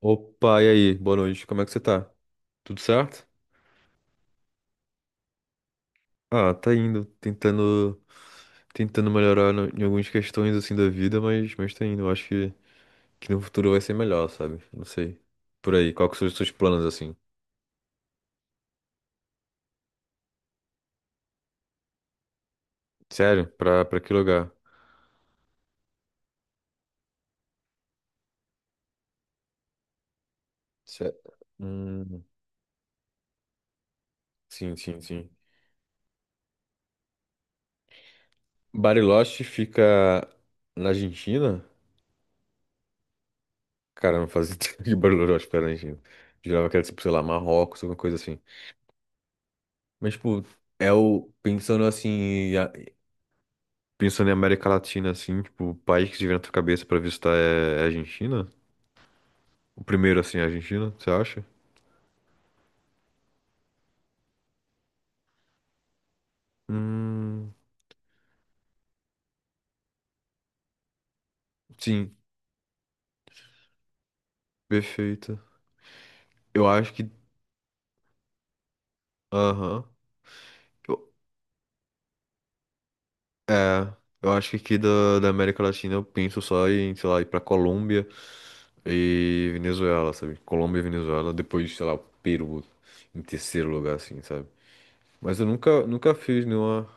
Opa, e aí? Boa noite. Como é que você tá? Tudo certo? Ah, tá indo, tentando melhorar em algumas questões assim da vida, mas tá indo. Eu acho que no futuro vai ser melhor, sabe? Não sei. Por aí, qual que são os seus planos assim? Sério? Pra que lugar? Sé- Hum, sim, sim, sim. Bariloche fica na Argentina? Cara, eu não fazia ideia que Bariloche fica na Argentina. Jurava que era tipo, sei lá, Marrocos, alguma coisa assim. Mas, tipo, é o pensando assim, pensando em América Latina, assim, tipo, o país que te vem na tua cabeça pra visitar é a Argentina? O primeiro, assim, é a Argentina, você acha? Hum, sim, perfeito. Eu acho que. Aham. Eu- É, eu acho que aqui da América Latina eu penso só em, sei lá, ir pra Colômbia e Venezuela, sabe? Colômbia e Venezuela, depois, sei lá, o Peru em terceiro lugar, assim, sabe? Mas eu nunca, nunca fiz nenhuma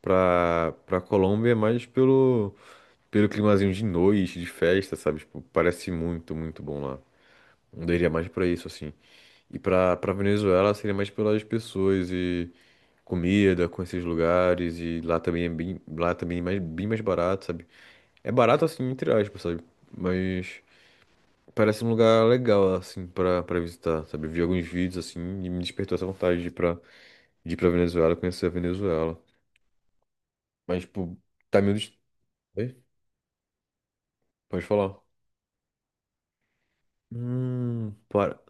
pra Colômbia, é mais pelo. Pelo climazinho de noite, de festa, sabe? Tipo, parece muito, muito bom lá. Eu iria mais pra isso, assim. E pra Venezuela seria mais pelas pessoas e comida, conhecer os lugares. E lá também é bem, lá também é mais, bem mais barato, sabe? É barato, assim, entre aspas, sabe? Mas parece um lugar legal, assim, pra visitar, sabe? Eu vi alguns vídeos, assim, e me despertou essa vontade de ir pra Venezuela, conhecer a Venezuela. Mas, tipo, tá meio... Oi? Pode falar. Para...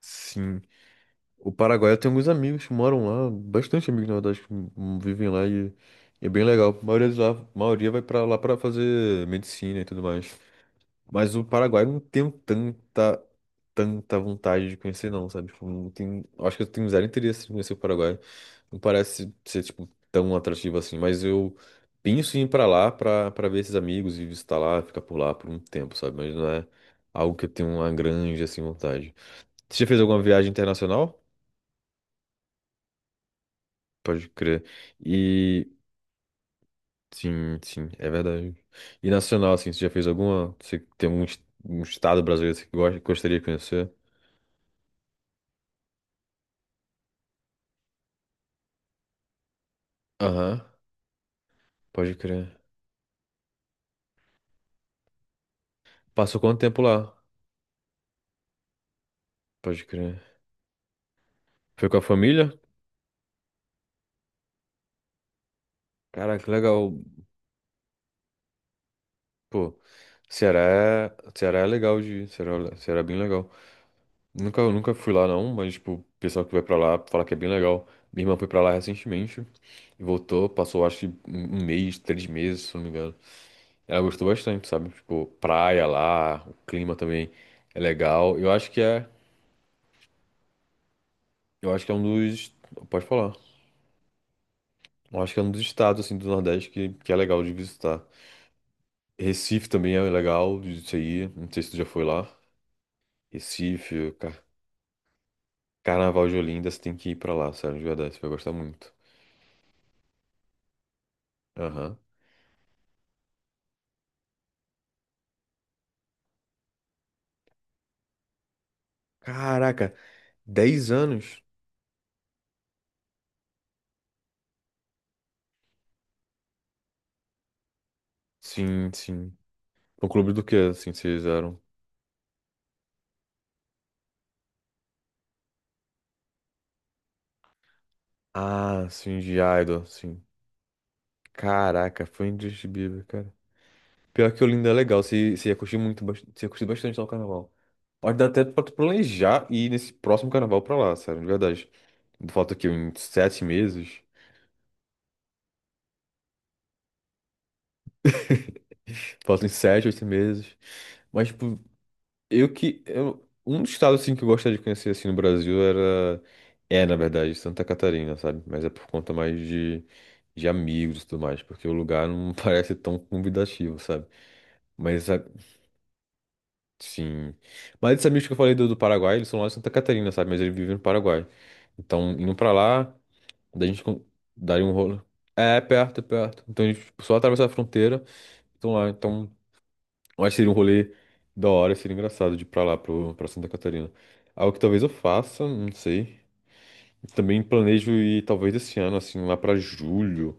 Sim. O Paraguai, eu tenho alguns amigos que moram lá, bastante amigos, na verdade, que vivem lá e é bem legal. A maioria de lá, a maioria vai pra lá pra fazer medicina e tudo mais. Mas o Paraguai eu não tenho tanta, tanta vontade de conhecer, não, sabe? Tipo, não tenho, eu acho que eu tenho zero interesse em conhecer o Paraguai. Não parece ser, tipo, tão atrativo assim, mas eu penso em ir pra lá pra ver esses amigos e visitar lá, ficar por lá por um tempo, sabe? Mas não é algo que eu tenho uma grande, assim, vontade. Você já fez alguma viagem internacional? Pode crer. E sim, sim, é verdade. E nacional, assim, você já fez alguma? Você tem algum um estado brasileiro que você gosta, gostaria de conhecer? Aham, pode crer. Passou quanto tempo lá? Pode crer. Foi com a família? Cara, que legal. Pô, Ceará Ceará é legal de ir. Ceará, Ceará é bem legal. Nunca, eu nunca fui lá não, mas, tipo, o pessoal que vai pra lá fala que é bem legal. Minha irmã foi pra lá recentemente e voltou, passou acho que um mês, 3 meses, se não me engano. Ela gostou bastante, sabe? Tipo, praia lá, o clima também é legal. Eu acho que é, eu acho que é um dos, pode falar. Eu acho que é um dos estados assim do Nordeste que é legal de visitar. Recife também é legal de ir. Não sei se tu já foi lá. Recife, Carnaval de Olinda, você tem que ir pra lá, sério, de verdade, você vai gostar muito. Aham. Caraca, 10 anos? Sim, sim. No clube do quê, assim, vocês eram? Ah, sim, de Idol, sim. Caraca, foi indescritível, pior que Olinda é legal, se ia curtir muito, se ia curtir bastante lá o carnaval. Pode dar até pra tu planejar ir nesse próximo carnaval pra lá, sério, de verdade. Falta aqui uns 7 meses, falta uns 7, 8 meses. Mas, tipo, eu que. Eu, um dos estados, assim, que eu gostaria de conhecer, assim, no Brasil era. É, na verdade, Santa Catarina, sabe? Mas é por conta mais de amigos e tudo mais, porque o lugar não parece tão convidativo, sabe? Mas a- Sim. Mas esses amigos que eu falei do, do Paraguai, eles são lá de Santa Catarina, sabe? Mas eles vivem no Paraguai. Então, indo pra lá, daí a gente daria um rolo. É, perto, é perto. Então, a gente tipo, só atravessa a fronteira. Então, lá, então, eu acho que seria um rolê da hora, seria engraçado de ir pra lá, pro, pra Santa Catarina. Algo que talvez eu faça, não sei. Também planejo ir, talvez, esse ano, assim, lá pra julho,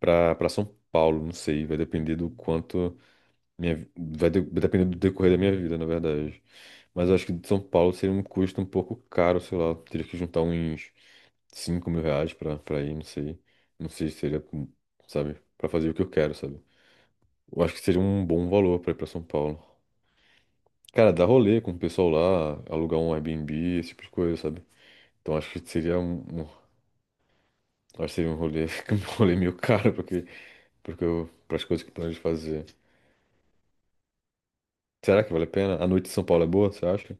pra São Paulo, não sei. Vai depender do quanto. Minha, vai depender do decorrer da minha vida, na verdade. Mas eu acho que de São Paulo seria um custo um pouco caro, sei lá. Teria que juntar uns 5 mil reais pra ir, não sei. Não sei se seria, sabe, pra fazer o que eu quero, sabe? Eu acho que seria um bom valor pra ir pra São Paulo. Cara, dar rolê com o pessoal lá, alugar um Airbnb, esse tipo de coisa, sabe? Então acho que seria um, acho que seria um rolê, um rolê meio caro, porque, porque eu, para as coisas que eu planejo fazer. Será que vale a pena? A noite em São Paulo é boa, você acha?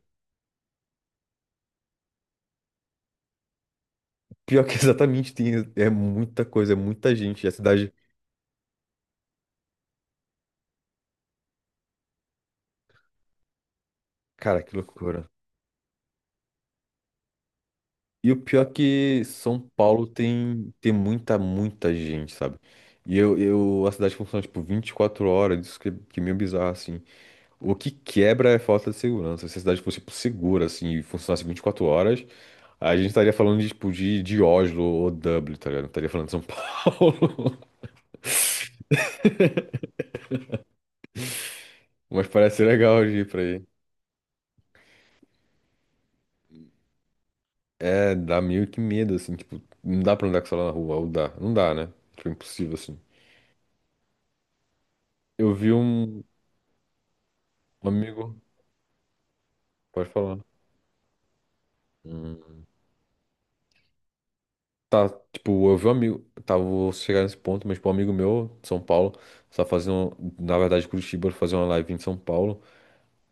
Pior que exatamente tem, é muita coisa, é muita gente. E a cidade, cara, que loucura. E o pior é que São Paulo tem, tem muita, muita gente, sabe? E a cidade funciona tipo 24 horas, isso que é meio bizarro, assim. O que quebra é a falta de segurança. Se a cidade fosse tipo, segura, assim, e funcionasse 24 horas, a gente estaria falando de, tipo, de Oslo ou Dublin, tá ligado? Não estaria falando de São Paulo. Mas parece legal de ir pra aí. É, dá meio que medo, assim, tipo, não dá pra andar com o celular na rua, ou dá, não dá, né? Tipo, impossível, assim. Eu vi um amigo, pode falar. Hum. Tá, tipo, eu vi um amigo, tá, vou chegar nesse ponto, mas, tipo, um amigo meu, de São Paulo, tá fazendo, na verdade, Curitiba, fazer uma live em São Paulo,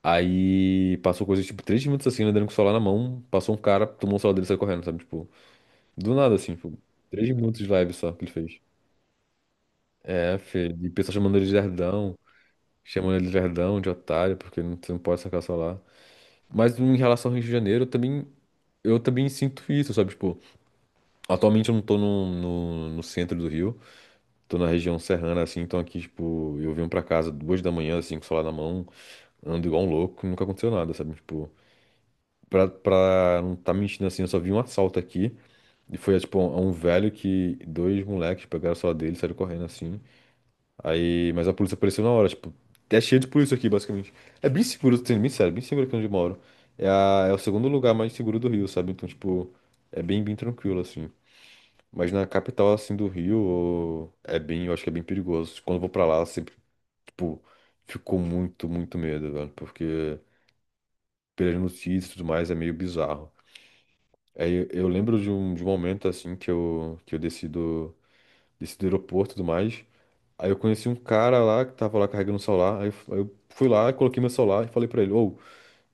aí passou coisa, tipo, três minutos, assim, ele andando com o celular na mão, passou um cara, tomou o celular dele e saiu correndo, sabe, tipo, do nada, assim, tipo, 3 minutos de live só que ele fez. É, filho, e o pessoal chamando ele de lerdão, chamando ele de lerdão, de otário, porque não, você não pode sacar o celular. Mas em relação ao Rio de Janeiro, eu também sinto isso, sabe? Tipo, atualmente eu não tô no centro do Rio, tô na região serrana, assim, então aqui, tipo, eu venho pra casa 2 da manhã, assim, com o celular na mão, ando igual um louco, nunca aconteceu nada, sabe? Tipo, pra não tá mentindo assim, eu só vi um assalto aqui, e foi, tipo, um velho que dois moleques pegaram o celular dele, saíram correndo, assim, aí, mas a polícia apareceu na hora, tipo, é cheio de polícia aqui, basicamente. É bem seguro, sendo bem sério, bem seguro aqui onde eu moro. É, é o segundo lugar mais seguro do Rio, sabe? Então, tipo, é bem, bem tranquilo, assim. Mas na capital, assim, do Rio, ô, é bem, eu acho que é bem perigoso. Quando eu vou pra lá, sempre, tipo, ficou muito, muito medo, velho. Porque pelas notícias e tudo mais, é meio bizarro. Aí eu lembro de um momento, assim, que eu desci do aeroporto e tudo mais. Aí eu conheci um cara lá que tava lá carregando o celular. Aí eu fui lá, coloquei meu celular e falei pra ele: Ô,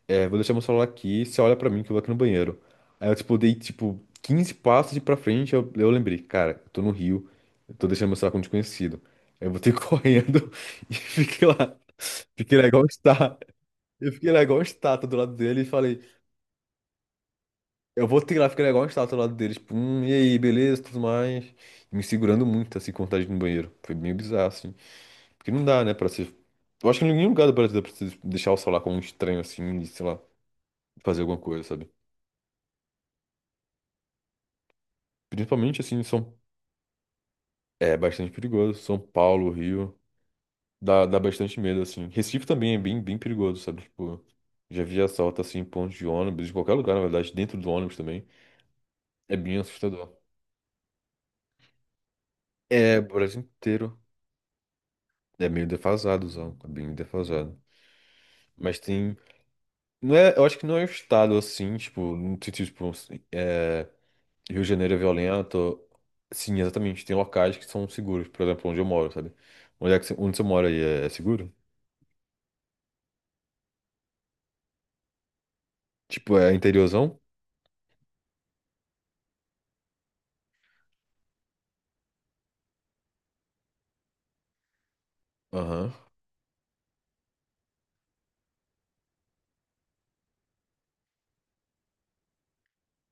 é, vou deixar meu celular aqui, você olha pra mim que eu vou aqui no banheiro. Aí eu, tipo, dei, tipo, 15 passos de pra frente. Eu lembrei: Cara, eu tô no Rio, eu tô deixando meu celular com um desconhecido. Aí eu voltei correndo e fiquei lá. Fiquei lá igual uma estátua. Eu fiquei lá igual uma estátua do lado dele e falei: Eu vou ter lá, fiquei lá igual uma estátua do lado dele. Tipo, e aí, beleza, tudo mais. Me segurando muito, assim, com vontade de ir no banheiro. Foi meio bizarro, assim. Porque não dá, né, pra se. Eu acho que em nenhum lugar do Brasil dá pra se deixar o celular com um estranho assim e, sei lá, fazer alguma coisa, sabe? Principalmente assim, em São. É bastante perigoso. São Paulo, Rio. Dá, dá bastante medo, assim. Recife também é bem, bem perigoso, sabe? Tipo, já vi assalto assim em pontos de ônibus, em qualquer lugar, na verdade, dentro do ônibus também. É bem assustador. É, o Brasil inteiro. É meio defasado, Zão. É bem defasado. Mas tem. Não é, eu acho que não é o estado assim, tipo, não sei, tipo, é, Rio de Janeiro é violento. Sim, exatamente. Tem locais que são seguros, por exemplo, onde eu moro, sabe? Onde é que você, onde você mora aí é, é seguro? Tipo, é interiorzão? Aham.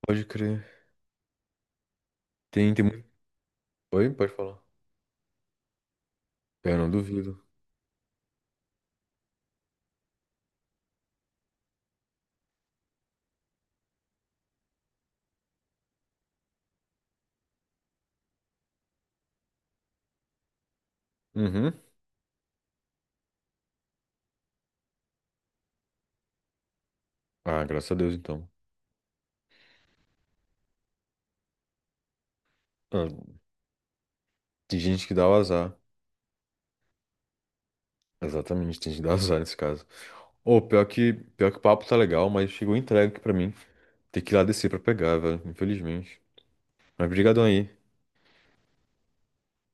Pode crer. Tem, tem muito. Oi, pode falar. Eu não duvido. Uhum. Ah, graças a Deus, então. Ah, tem gente que dá o azar. Exatamente, tem gente que dá o azar nesse caso. Ô, pior que o papo tá legal, mas chegou entregue aqui pra mim. Tem que ir lá descer pra pegar, velho, infelizmente. Mas brigadão aí.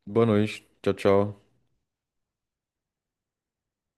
Boa noite. Tchau, tchau.